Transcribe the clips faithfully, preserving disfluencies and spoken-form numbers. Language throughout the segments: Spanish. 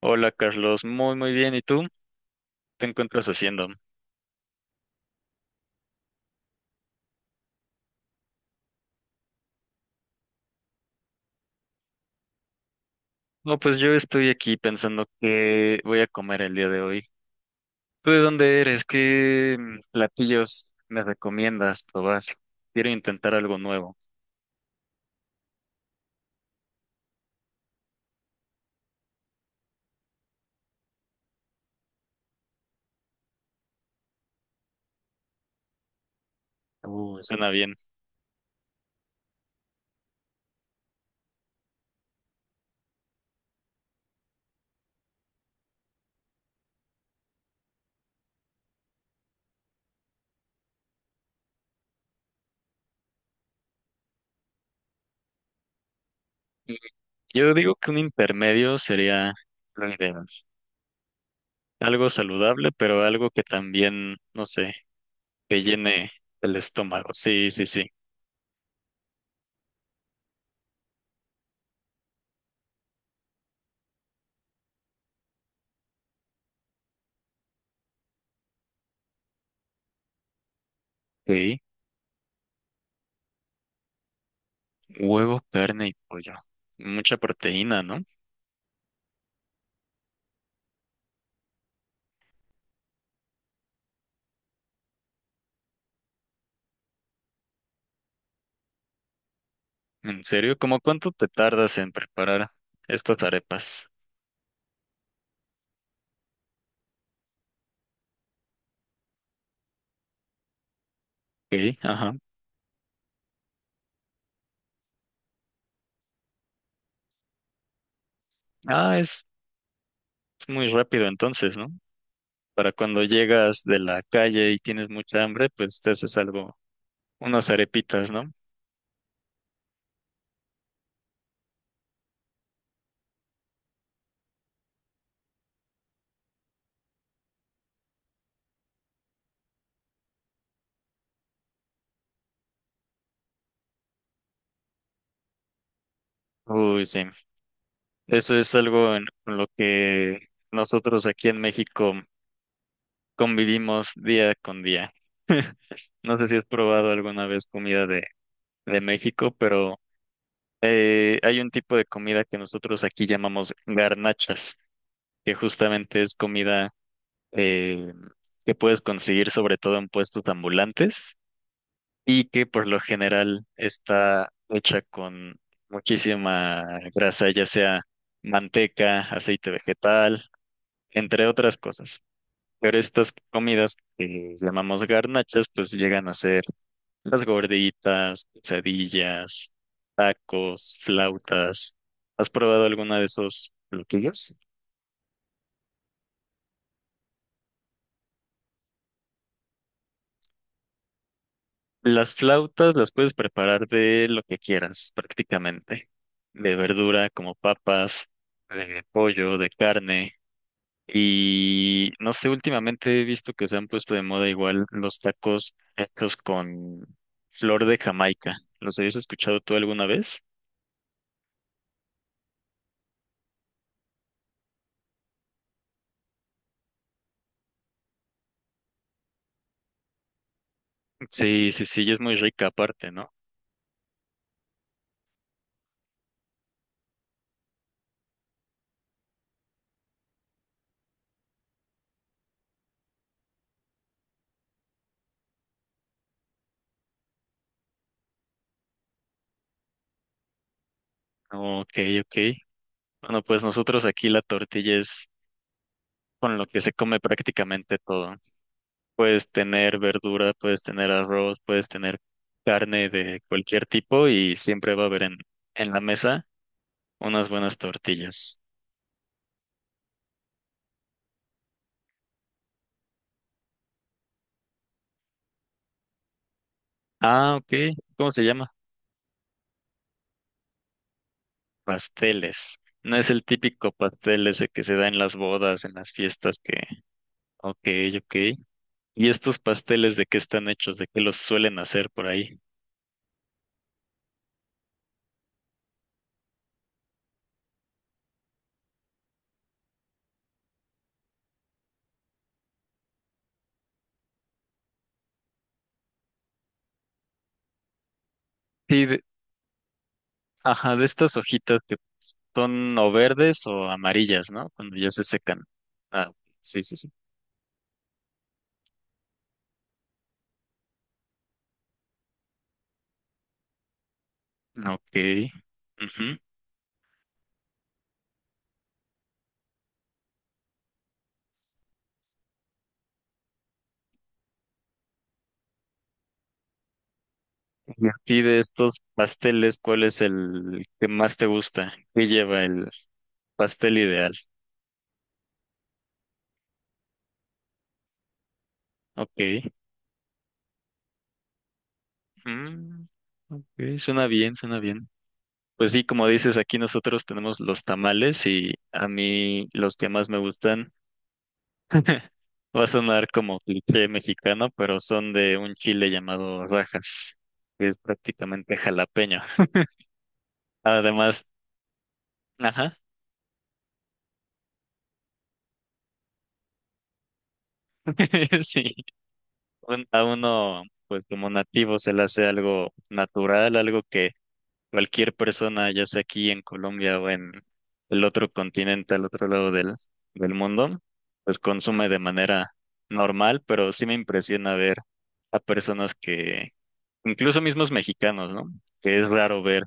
Hola Carlos, muy muy bien. ¿Y tú? ¿Te encuentras haciendo? No, pues yo estoy aquí pensando qué voy a comer el día de hoy. ¿Tú de dónde eres? ¿Qué mm, platillos me recomiendas probar? Quiero intentar algo nuevo. Me suena bien. Mm, Yo digo que un intermedio sería lo ideal. Algo saludable, pero algo que también, no sé, que llene el estómago. Sí, sí, sí. Sí. Huevo, carne y pollo. Mucha proteína, ¿no? ¿En serio? ¿Cómo cuánto te tardas en preparar estas arepas? Ok, ajá. Ah, es, es muy rápido entonces, ¿no? Para cuando llegas de la calle y tienes mucha hambre, pues te haces algo, unas arepitas, ¿no? Uy, sí. Eso es algo en con lo que nosotros aquí en México convivimos día con día. No sé si has probado alguna vez comida de, de México, pero eh, hay un tipo de comida que nosotros aquí llamamos garnachas, que justamente es comida eh, que puedes conseguir sobre todo en puestos ambulantes y que por lo general está hecha con muchísima grasa, ya sea manteca, aceite vegetal, entre otras cosas. Pero estas comidas que llamamos garnachas, pues llegan a ser las gorditas, quesadillas, tacos, flautas. ¿Has probado alguna de esos platillos? Las flautas las puedes preparar de lo que quieras, prácticamente. De verdura, como papas, de pollo, de carne. Y no sé, últimamente he visto que se han puesto de moda igual los tacos hechos con flor de Jamaica. ¿Los habías escuchado tú alguna vez? Sí, sí, sí, y es muy rica aparte, ¿no? Ok, ok. Bueno, pues nosotros aquí la tortilla es con lo que se come prácticamente todo. Puedes tener verdura, puedes tener arroz, puedes tener carne de cualquier tipo y siempre va a haber en, en la mesa unas buenas tortillas. Ah, ok. ¿Cómo se llama? Pasteles. No es el típico pastel ese que se da en las bodas, en las fiestas que... Ok, ok. ¿Y estos pasteles de qué están hechos? ¿De qué los suelen hacer por ahí? Sí, de- ajá, de estas hojitas que son o verdes o amarillas, ¿no? Cuando ya se secan. Ah, sí, sí, sí. Ok. Ujú. Y a ti de estos pasteles, ¿cuál es el que más te gusta? ¿Qué lleva el pastel ideal? Ok. Mm, ok, suena bien, suena bien. Pues sí, como dices, aquí nosotros tenemos los tamales y a mí los que más me gustan, va a sonar como cliché mexicano, pero son de un chile llamado rajas, que es prácticamente jalapeño. Además, ajá, sí. Un- a uno, pues como nativo, se le hace algo natural, algo que cualquier persona, ya sea aquí en Colombia o en el otro continente, al otro lado del, del mundo, pues consume de manera normal, pero sí me impresiona ver a personas que, incluso mismos mexicanos, ¿no? Que es raro ver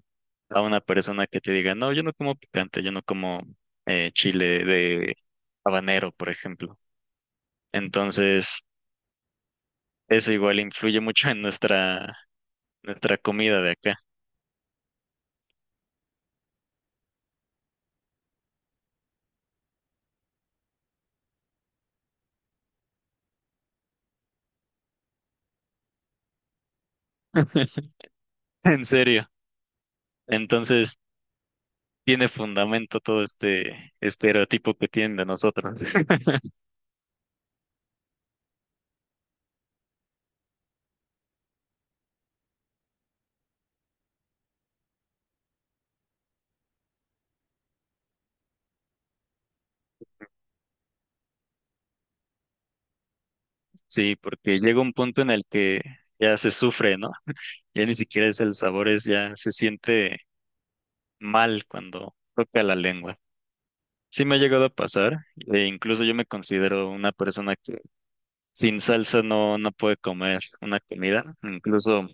a una persona que te diga, no, yo no como picante, yo no como eh, chile de habanero, por ejemplo. Entonces, eso igual influye mucho en nuestra, nuestra comida de acá. En serio. Entonces, tiene fundamento todo este estereotipo que tienen de nosotros. Sí, porque llega un punto en el que ya se sufre, ¿no? Ya ni siquiera es el sabor, es ya se siente mal cuando toca la lengua. Sí me ha llegado a pasar, e incluso yo me considero una persona que sin salsa no, no puede comer una comida. Incluso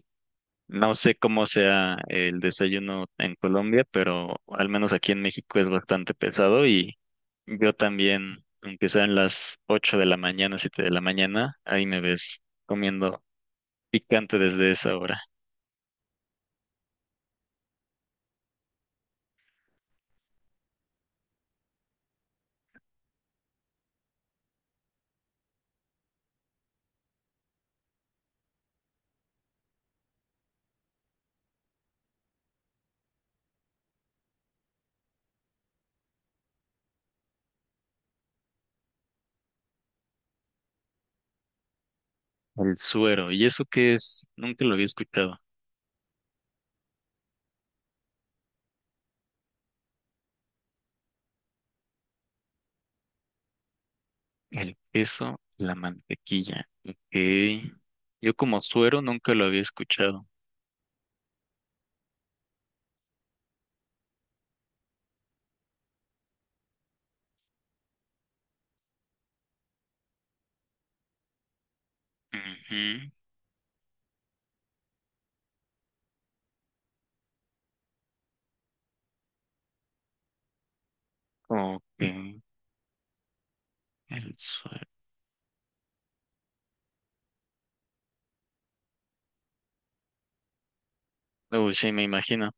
no sé cómo sea el desayuno en Colombia, pero al menos aquí en México es bastante pesado y yo también, aunque sean las ocho de la mañana, siete de la mañana, ahí me ves comiendo picante desde esa hora. El suero, ¿y eso qué es? Nunca lo había escuchado. El queso, la mantequilla. Ok. Yo como suero nunca lo había escuchado. Ujú. Ok. El suero. Uy, sí, me imagino.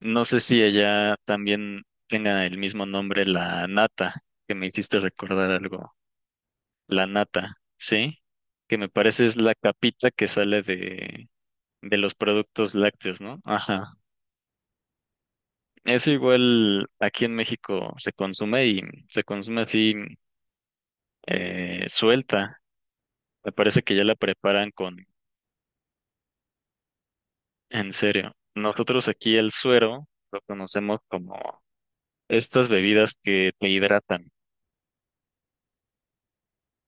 No sé si ella también tenga el mismo nombre, la nata, que me hiciste recordar algo. La nata, ¿sí? Que me parece es la capita que sale de, de los productos lácteos, ¿no? Ajá. Eso igual aquí en México se consume y se consume así eh, suelta. Me parece que ya la preparan con, en serio. Nosotros aquí el suero lo conocemos como estas bebidas que te hidratan.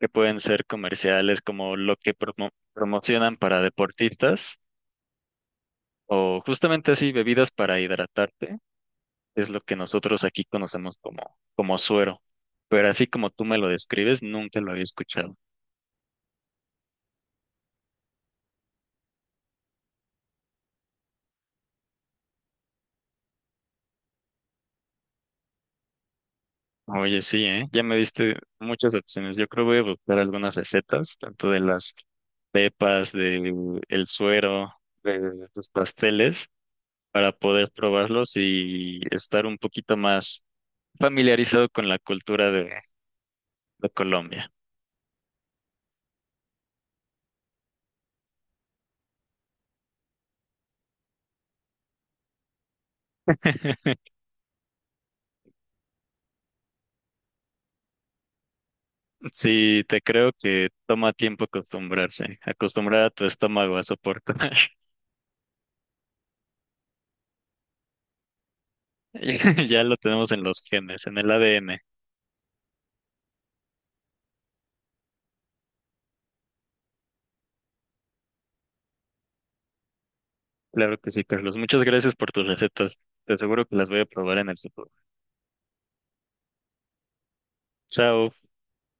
Que pueden ser comerciales como lo que promo- promocionan para deportistas o justamente así bebidas para hidratarte, es lo que nosotros aquí conocemos como, como suero. Pero así como tú me lo describes, nunca lo había escuchado. Oye, sí, ¿eh? Ya me diste muchas opciones. Yo creo voy a buscar algunas recetas, tanto de las pepas, del el suero, de tus pasteles, para poder probarlos y estar un poquito más familiarizado con la cultura de de Colombia. Sí, te creo que toma tiempo acostumbrarse, acostumbrar a tu estómago a soportar. Ya ya lo tenemos en los genes, en el A D N. Claro que sí, Carlos. Muchas gracias por tus recetas. Te aseguro que las voy a probar en el futuro. Chao.